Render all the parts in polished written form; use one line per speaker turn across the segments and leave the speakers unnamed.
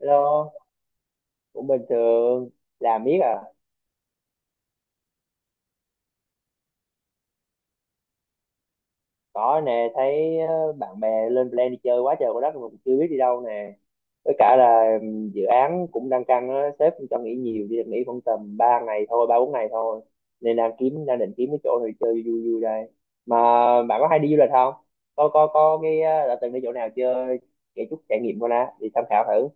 Hello, cũng bình thường, làm biết à, có nè, thấy bạn bè lên plan đi chơi quá trời quá đất mà cũng chưa biết đi đâu nè, với cả là dự án cũng đang căng á, sếp cũng cho nghỉ nhiều, chỉ được nghỉ khoảng tầm 3 ngày thôi, ba bốn ngày thôi, nên đang định kiếm cái chỗ nào đi chơi vui vui đây, mà bạn có hay đi du lịch không? Có đã từng đi chỗ nào chơi, kể chút trải nghiệm coi nè, đi tham khảo thử,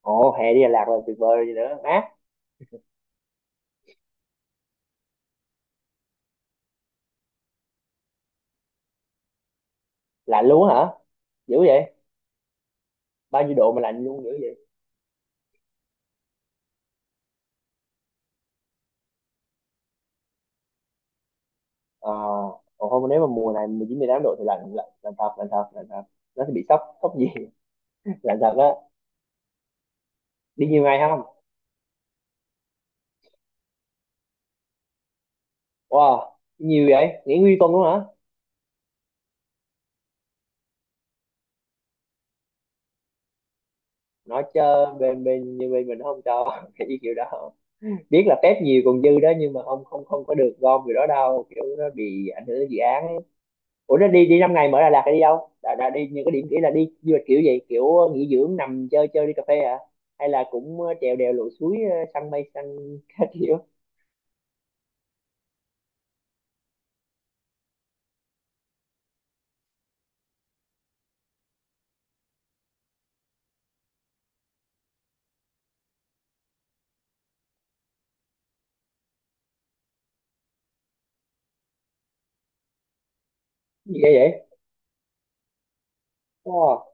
ồ, hè đi Đà Lạt là tuyệt vời rồi gì nữa, á, lạnh luôn á hả? Dữ vậy, bao nhiêu độ mà lạnh luôn dữ. Ờ, còn không nếu mà mùa này 19 18 độ thì lạnh lạnh lạnh thật lạnh thật lạnh thật nó sẽ bị sốc sốc gì. Lạnh thật á. Đi nhiều ngày không? Wow, nhiều vậy, nghỉ nguyên tuần luôn hả? Nói chơi bên bên như bên mình nó không cho cái kiểu đó, biết là phép nhiều còn dư đó nhưng mà không không không có được gom kiểu đó đâu, kiểu nó bị ảnh hưởng đến dự án ấy. Ủa nó đi đi năm ngày mở Đà Lạt là đi đâu đã đi những cái điểm kỹ, là đi du lịch kiểu gì, kiểu nghỉ dưỡng nằm chơi chơi đi cà phê hả, hay là cũng trèo đèo lội suối săn mây săn các kiểu gì vậy. Wow.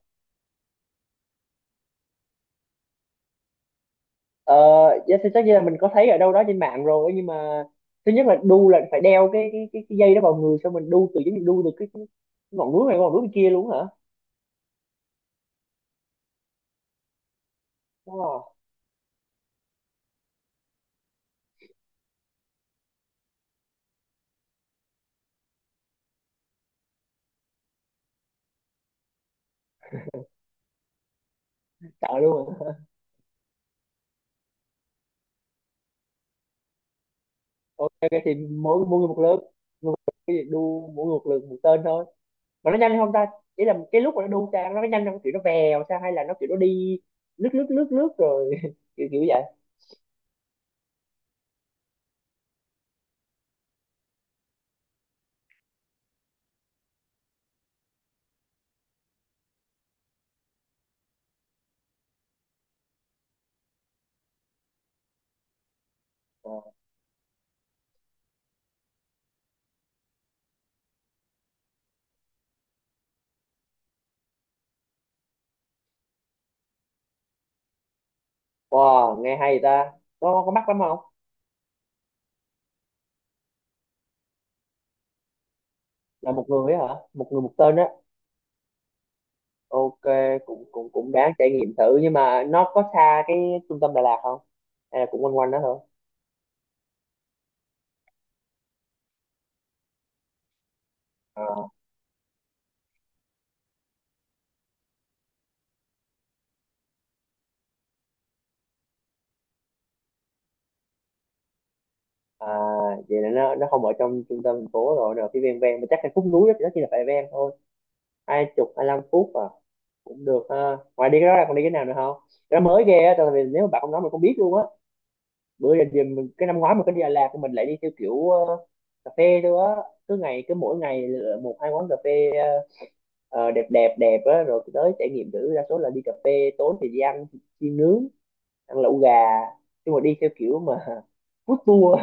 Ờ, dạ, thì chắc là mình có thấy ở đâu đó trên mạng rồi nhưng mà thứ nhất là đu là phải đeo cái dây đó vào người xong mình đu từ, giống như đu từ cái ngọn núi này qua ngọn núi kia luôn hả? Wow, sợ luôn à. Ok ok, thì mỗi mỗi người một lượt, cái gì đu mỗi người một lượt một tên thôi. Mà nó nhanh không ta? Ý là cái lúc mà nó đu sang nó có nhanh không? Kiểu nó vèo sao hay là nó kiểu nó đi lướt lướt rồi kiểu kiểu vậy. Ờ. Wow, nghe hay ta. Có mắc lắm không? Là một người ấy hả? Một người một tên á. Ok, cũng cũng cũng đáng trải nghiệm thử nhưng mà nó có xa cái trung tâm Đà Lạt không, hay là cũng quanh quanh đó thôi? À, à vậy là nó không ở trong trung tâm thành phố rồi, rồi phía ven ven mà chắc là khúc núi đó, đó chỉ là phải ven thôi. 20 25 phút à, cũng được ha. Ngoài đi cái đó ra còn đi cái nào nữa không? Cái đó mới ghê á tại vì nếu mà bạn không nói mình không biết luôn á. Bữa giờ thì mình, cái năm ngoái mình có đi Đà Lạt thì mình lại đi theo kiểu cà phê thôi á, cứ ngày cứ mỗi ngày lựa một hai quán cà phê đẹp đẹp đẹp á rồi tới trải nghiệm thử, đa số là đi cà phê, tối thì đi ăn chiên nướng, ăn lẩu gà, nhưng mà đi theo kiểu mà food tour,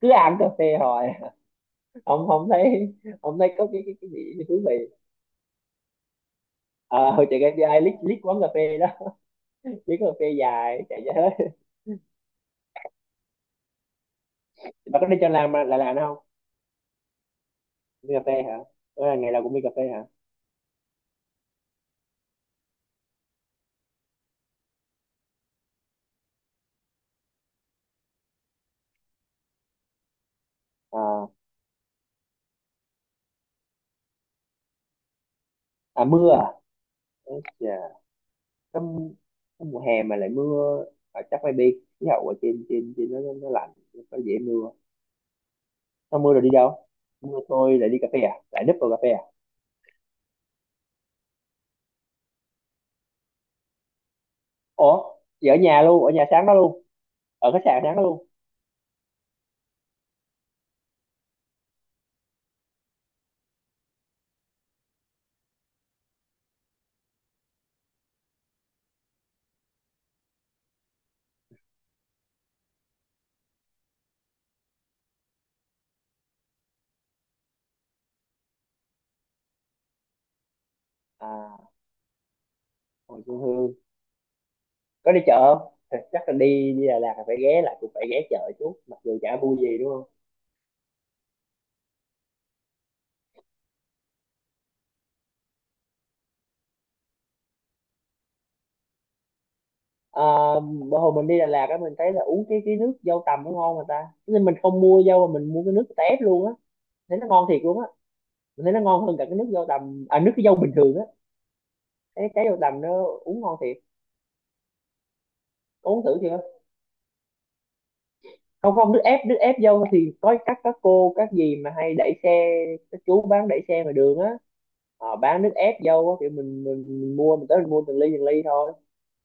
cứ ăn cà phê hồi ông không thấy, ông thấy có cái gì thú vị, ờ hồi chạy cái ai lít lít quán cà phê đó, lít quán cà phê dài chạy ra hết. Bà có đi cho làm là làm không? Đi cà phê hả, ủa là ngày nào cũng đi cà phê hả? À, à mưa à. Dạ. Cái trong mùa hè mà lại mưa, à, chắc maybe khí hậu ở trên trên trên nó lạnh, nó dễ mưa, nó mưa rồi đi đâu, mưa tôi lại đi cà phê à, lại núp vào cà phê à. Ủa chị ở nhà luôn, ở nhà sáng đó luôn, ở khách sạn sáng đó luôn. À hồi xuân hương. Có đi chợ không? Thì chắc là đi đi Đà Lạt là phải ghé, lại cũng phải ghé chợ chút mặc dù chả vui gì đúng không. À, bữa hồi mình đi Đà Lạt á mình thấy là uống cái nước dâu tằm nó ngon mà ta, nên mình không mua dâu mà mình mua cái nước tép luôn á, thấy nó ngon thiệt luôn á, mình thấy nó ngon hơn cả cái nước dâu tằm à, nước cái dâu bình thường á, cái dâu tằm nó uống ngon thiệt. Uống thử chưa? Không không, nước ép, nước ép dâu thì có các cô các dì mà hay đẩy xe, các chú bán đẩy xe ngoài đường á, họ bán nước ép dâu á, kiểu mình, mình mua, mình tới mình mua từng ly thôi,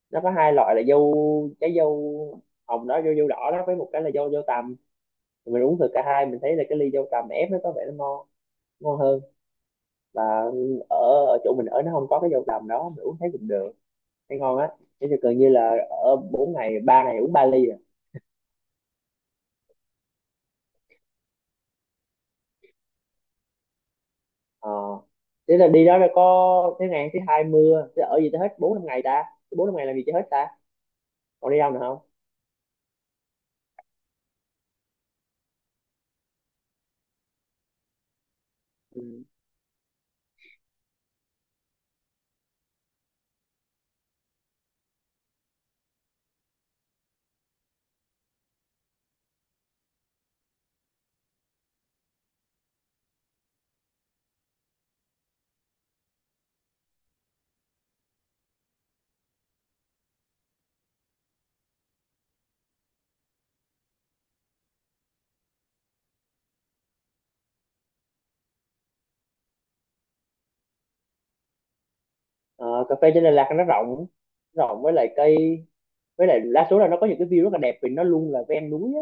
nó có hai loại là dâu, trái dâu hồng đó, dâu dâu đỏ đó, với một cái là dâu dâu tằm, mình uống thử cả hai mình thấy là cái ly dâu tằm ép nó có vẻ nó ngon, ngon hơn, và ở, ở chỗ mình ở nó không có cái dâu tằm đó, mình uống thấy cũng được, thấy ngon á, thế thì gần như là ở bốn ngày, ba ngày uống ba ly. Ờ. Thế là đi đó là có thế, ngày thứ hai mưa, thế ở gì tới hết bốn năm ngày ta, bốn năm ngày làm gì cho hết ta, còn đi đâu nữa không? Ừ. Ờ, cà phê trên Đà Lạt nó rộng, rộng với lại cây, với lại đa số là nó có những cái view rất là đẹp vì nó luôn là ven núi á,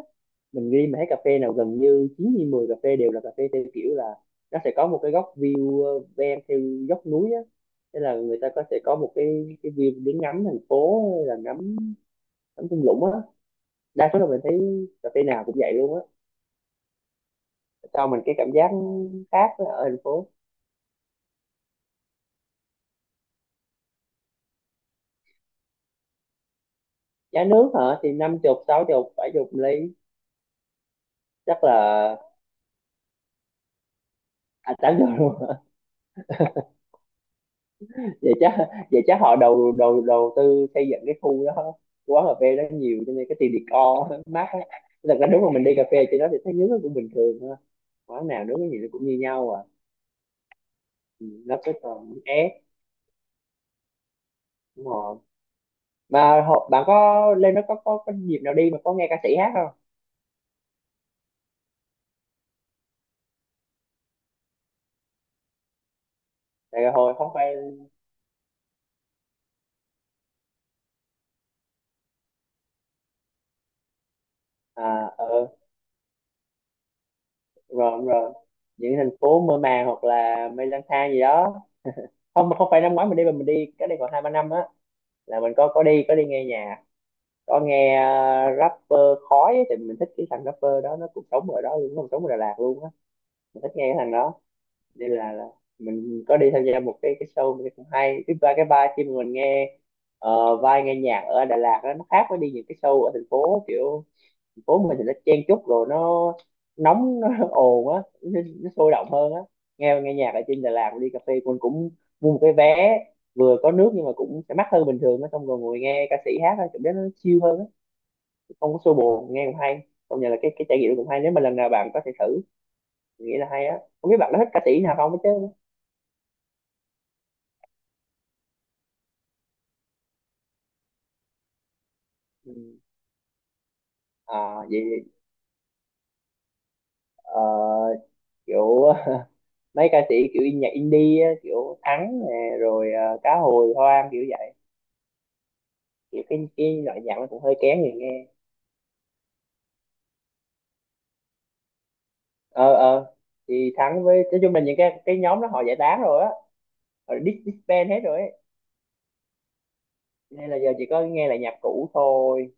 mình đi mà thấy cà phê nào gần như 9 như 10 cà phê đều là cà phê theo kiểu là nó sẽ có một cái góc view ven theo dốc núi á, thế là người ta có sẽ có một cái view để ngắm thành phố hay là ngắm, ngắm thung lũng á, đa số là mình thấy cà phê nào cũng vậy luôn á, cho mình cái cảm giác khác với ở thành phố. Giá nước hả, thì 50 60 70 ly, chắc là à, 80 luôn. Vậy chắc, vậy chắc họ đầu đầu đầu tư xây dựng cái khu đó, quán cà phê đó nhiều cho nên cái tiền decor mát á. Thật ra nếu mà mình đi cà phê trên đó thì thấy nước nó cũng bình thường thôi, quán nào nước cái gì nó cũng như nhau à. Ừ, nó cái còn nước ép, đúng rồi. Mà họ, bạn có lên đó có dịp nào đi mà có nghe ca sĩ hát không? Tại hồi không phải, à ờ, rồi rồi, những thành phố mơ màng hoặc là mây lang thang gì đó, không mà không phải năm ngoái mình đi mà mình đi cái đây còn hai ba năm á, là mình có có đi nghe nhạc, có nghe rapper khói á, thì mình thích cái thằng rapper đó nó cũng sống ở đó luôn, nó cũng sống ở Đà Lạt luôn á, mình thích nghe cái thằng đó, nên là mình có đi tham gia một cái show mình thấy cũng hay, thứ ba cái ba khi mà mình nghe vai nghe nhạc ở Đà Lạt đó, nó khác với đi những cái show ở thành phố, kiểu phố mình thì nó chen chúc rồi nó nóng nó ồn á, nó sôi động hơn á, nghe nghe nhạc ở trên Đà Lạt đi cà phê mình cũng mua một cái vé, vừa có nước nhưng mà cũng sẽ mắc hơn bình thường á, xong rồi ngồi nghe ca sĩ hát á, cảm giác nó chill hơn á, không có xô bồ, nghe cũng hay, công nhận là cái trải nghiệm đó cũng hay, nếu mà lần nào bạn có thể thử, mình nghĩ là hay á, không biết bạn có thích ca sĩ nào không hết chứ. Ừ. À vậy, ờ, kiểu mấy ca sĩ kiểu nhạc indie á, kiểu Thắng nè rồi Cá Hồi Hoang kiểu vậy, kiểu cái loại nhạc nó cũng hơi kén người nghe. Ờ ờ, thì Thắng với nói chung là những cái nhóm đó họ giải tán rồi á, họ disband hết rồi ấy, nên là giờ chỉ có nghe lại nhạc cũ thôi.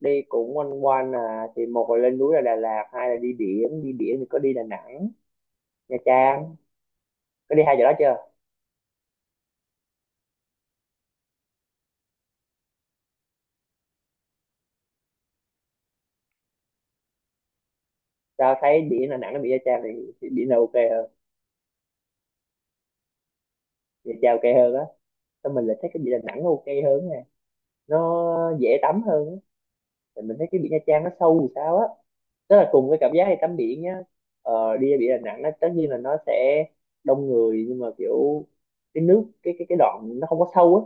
Đi cũng quanh quanh à, thì một là lên núi là Đà Lạt, hai là đi biển, đi biển thì có đi Đà Nẵng, Nha Trang, có đi hai chỗ đó chưa. Tao thấy biển Đà Nẵng nó bị Nha Trang thì biển là ok hơn, Nha Trang ok hơn á, sao mình lại thấy cái biển Đà Nẵng nó ok hơn nè, nó dễ tắm hơn á. Thì mình thấy cái biển Nha Trang nó sâu thì sao á, tức là cùng cái cảm giác đi tắm biển nhá, ờ, đi ra biển Đà Nẵng nó tất nhiên là nó sẽ đông người nhưng mà kiểu cái nước cái đoạn nó không có sâu á,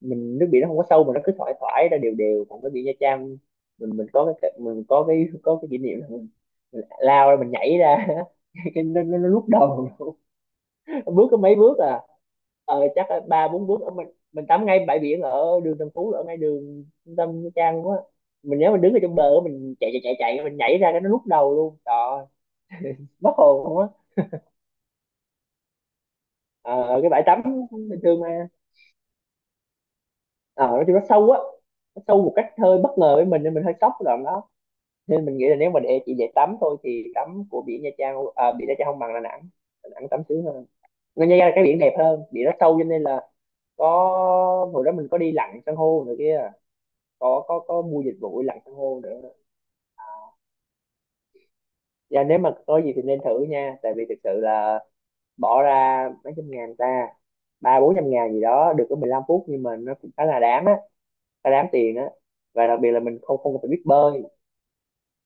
mình nước biển nó không có sâu mà nó cứ thoải thoải ra đều đều, còn cái biển Nha Trang, mình mình có cái kỷ niệm là mình lao ra, mình nhảy ra cái nó lúc đầu bước có mấy bước à, ờ, chắc là ba bốn bước ở, mình tắm ngay bãi biển ở đường Tân Phú ở ngay đường trung tâm Nha Trang quá, mình nhớ mình đứng ở trong bờ á, mình chạy chạy chạy chạy mình nhảy ra cái nó lúc đầu luôn, trời ơi, mất hồn luôn á. Ờ, cái bãi tắm bình thường mà ờ, nói chung nó sâu á, nó sâu một cách hơi bất ngờ với mình nên mình hơi sốc cái đoạn đó, nên mình nghĩ là nếu mình để chỉ để tắm thôi thì tắm của biển Nha Trang à, biển Nha Trang không bằng Đà Nẵng, Đà Nẵng tắm sướng hơn. Nên Nha Trang là cái biển đẹp hơn, biển nó sâu cho nên là có, hồi đó mình có đi lặn san hô rồi kia, có có mua dịch vụ lặn san hô nữa. Dạ nếu mà có gì thì nên thử nha tại vì thực sự là bỏ ra mấy trăm ngàn ta, ba bốn trăm ngàn gì đó được có 15 phút nhưng mà nó cũng khá là đáng á, khá đáng tiền á, và đặc biệt là mình không không cần phải biết bơi.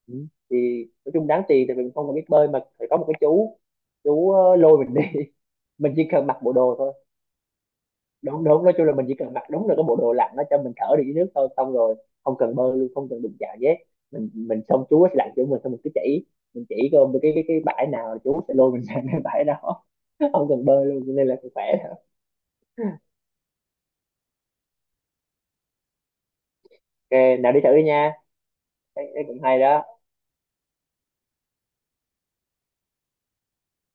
Ừ. Thì nói chung đáng tiền thì mình không cần biết bơi mà phải có một cái chú lôi mình đi mình chỉ cần mặc bộ đồ thôi. Đúng đúng, nói chung là mình chỉ cần mặc đúng là cái bộ đồ lặn nó cho mình thở được dưới nước thôi, xong rồi không cần bơi luôn, không cần đụng chạm gì hết, mình xong chú sẽ lặn chỗ mình, xong mình cứ chỉ, mình chỉ coi cái bãi nào là chú sẽ lôi mình sang cái bãi đó không cần bơi luôn cho nên là cũng khỏe. Ok nào đi thử đi nha, cái cũng hay đó.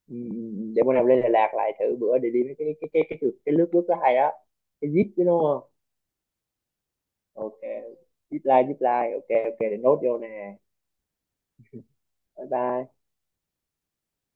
Ừ, ừ, ừ, để bữa nào lên Đà Lạt lại thử bữa, để đi mấy cái lướt nước đó hay đó, cái zip chứ đúng không. Ok, zip line, zip line, ok ok để nốt vô nè. Bye bye.